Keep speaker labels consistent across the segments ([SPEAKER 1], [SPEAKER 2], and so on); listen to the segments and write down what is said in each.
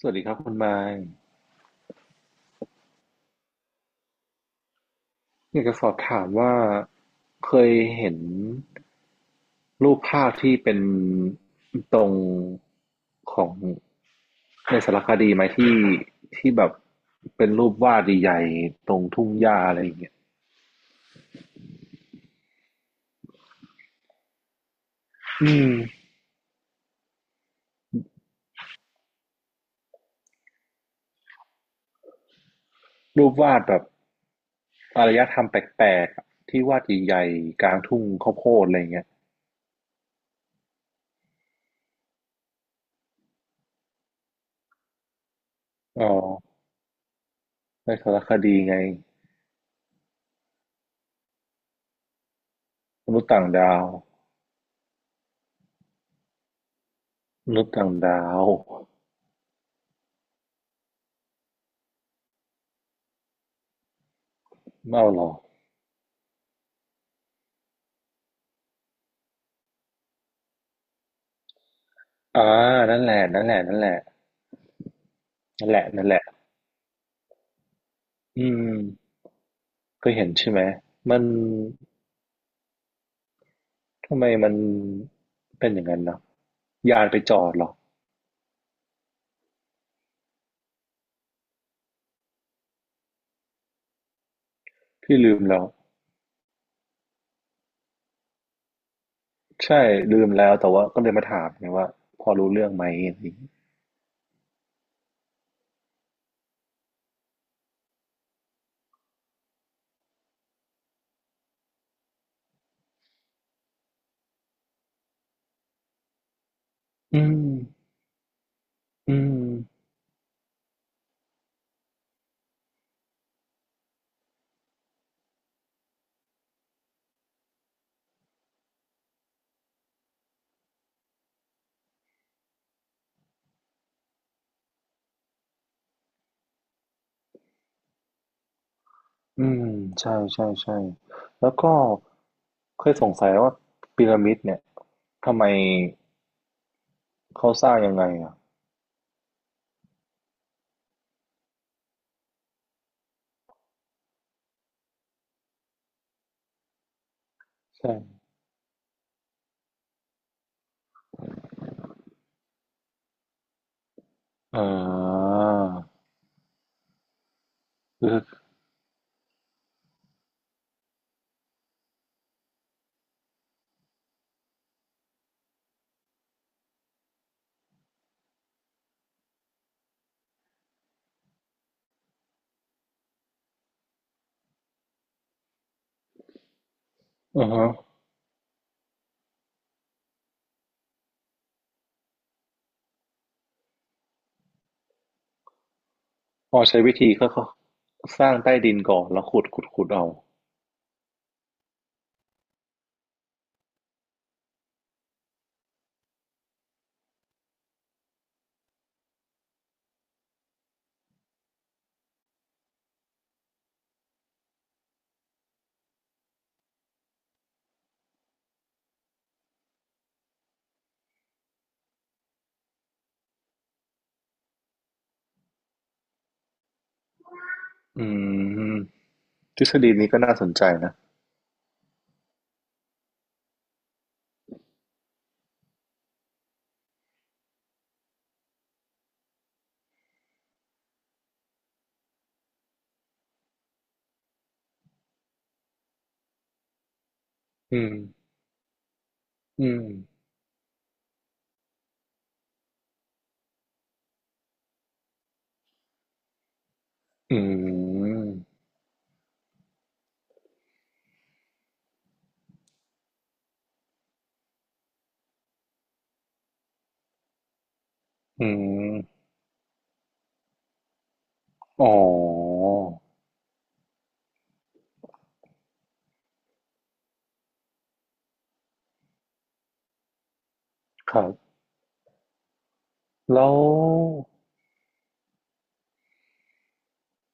[SPEAKER 1] สวัสดีครับคุณไมค์อยากจะสอบถามว่าเคยเห็นรูปภาพที่เป็นตรงของในสารคดีไหมที่ที่แบบเป็นรูปวาดใหญ่ๆตรงทุ่งหญ้าอะไรอย่างเงี้ยอืมรูปวาดแบบอารยธรรมแปลกๆอะที่วาดใหญ่ๆกลางทุ่งข้าวโพดอะไรอย่างเงี้ยอ๋อในสารคดีไงมนุษย์ต่างดาวมนุษย์ต่างดาวไม่เอาหรอ อ่านั่นแหละนั่นแหละนั่นแหละนั่นแหละนั่นแหละอืมก็เห็นใช่ไหมมันทำไมมันเป็นอย่างนั้นเนาะยานไปจอดเหรอพี่ลืมแล้วใช่ลืมแล้วแต่ว่าก็เลยมาถามไงว่าพอรู้เรื่องไหมอะไรอย่างงี้อืมอืมอืมใช่ใช่ใช่แล้วก็เคยสงสัยว่าพีระมิดเนี่ยทำไมเขาสร้างยังไงอ่ะใช่อ่าคืออือฮะ พอใช้วิธีก็สร้างใต้ดินก่อนแล้วขุดเอาอืมทฤษฎีนี้ก็น่าสนใจนะอืมอืมอืมอืมอ๋อครับแล้ว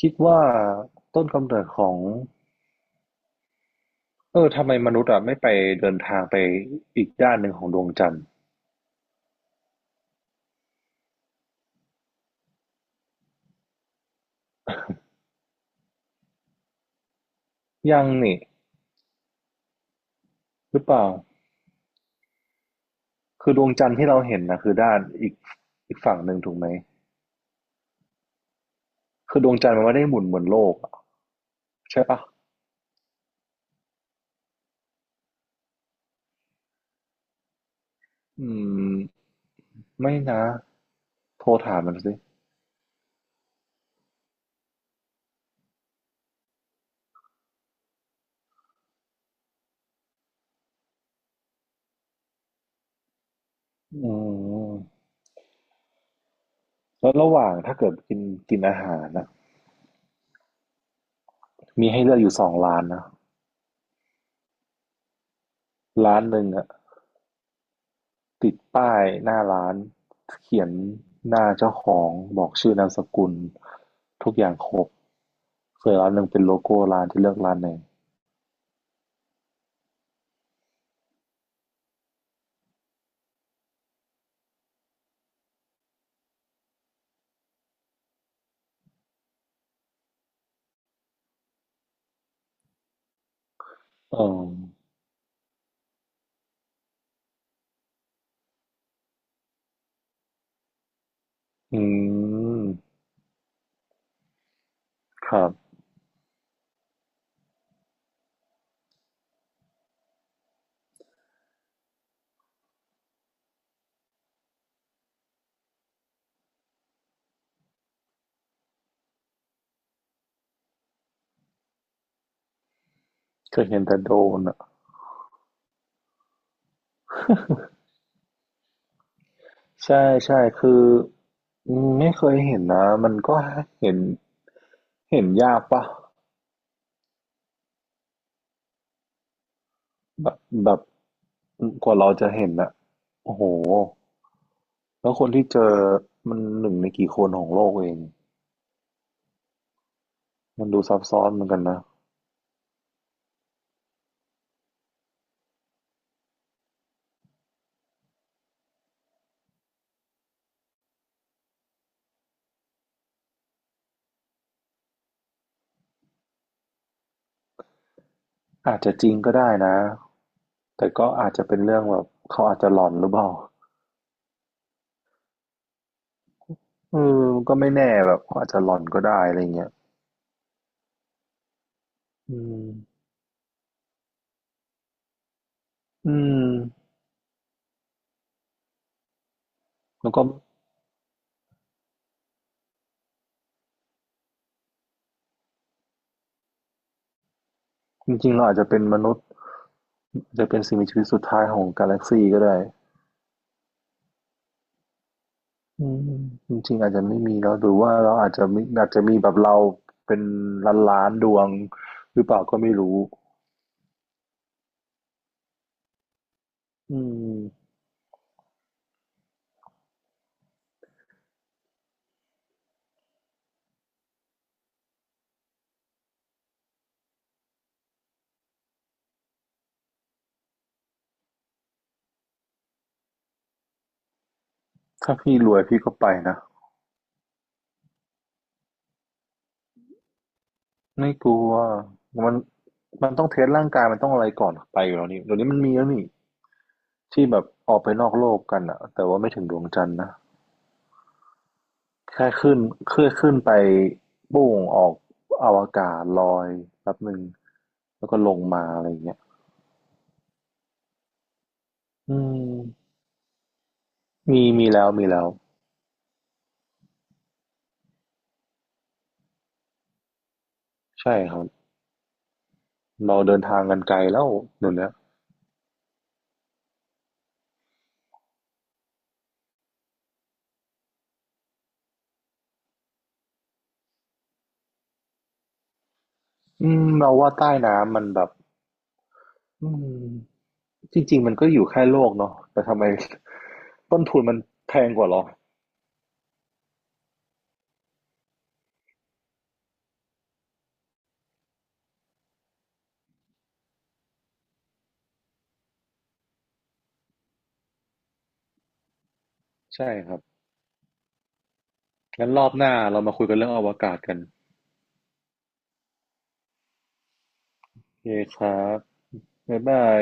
[SPEAKER 1] คิดว่าต้นกำเนิดของทำไมมนุษย์อะไม่ไปเดินทางไปอีกด้านหนึ่งของดวงจันทร์ยังนี่หรือเปล่าคือดวงจันทร์ที่เราเห็นนะคือด้านอีกฝั่งหนึ่งถูกไหม คือดวงจันทร์มันไม่ได้หมุนเหมือนโลกอะใช่ปะอืม ไม่นะ โทรถามมันสิอืมแล้วระหว่างถ้าเกิดกินกินอาหารนะมีให้เลือกอยู่สองร้านนะร้านหนึ่งอะติดป้ายหน้าร้านเขียนหน้าเจ้าของบอกชื่อนามสกุลทุกอย่างครบส่วนร้านหนึ่งเป็นโลโก้ร้านจะเลือกร้านไหนเอออืม ครับเคยเห็นแต่โดนอะใช่ใช่คืออืมไม่เคยเห็นนะ มันก็เห็นเห็นยากปะ แบบแบบกว่าเราจะเห็นอะโอ้โหแล้วคนที่เจอมันหนึ่งในกี่คนของโลกเองมันดูซับซ้อนเหมือนกันนะอาจจะจริงก็ได้นะแต่ก็อาจจะเป็นเรื่องแบบเขาอาจจะหลอนหรือเปล่าเออมันก็ไม่แน่แบบเขาอาจจะหลอนก็ได้อะไรเงี้ยอืมอืมแล้วก็จริงๆเราอาจจะเป็นมนุษย์อาจจะเป็นสิ่งมีชีวิตสุดท้ายของกาแล็กซีก็ได้ อืมจริงๆอาจจะไม่มีเนาะหรือว่าเราอาจจะมีอาจจะมีแบบเราเป็นล้านๆดวงหรือเปล่าก็ไม่รู้อืมถ้าพี่รวยพี่ก็ไปนะไม่กลัวมันมันต้องเทสร่างกายมันต้องอะไรก่อนไปอยู่แล้วนี่เดี๋ยวนี้มันมีแล้วนี่ที่แบบออกไปนอกโลกกันอะแต่ว่าไม่ถึงดวงจันทร์นะแค่ขึ้นเคลื่อนขึ้นไปโป่งออกอวกาศลอยแป๊บหนึ่งแล้วก็ลงมาอะไรอย่างเงี้ยอืมมีมีแล้วใช่ครับ เราเดินทางกันไกลแล้วหนูเนี่ยอืมเราว่าใต้น้ำมันแบบอืมจริงๆมันก็อยู่แค่โลกเนาะแต่ทำไม ต้นทุนมันแพงกว่าเหรอใช่ครับงั้นรอบหน้าเรามาคุยกันเรื่องอวกาศกันโอเคครับบ๊ายบาย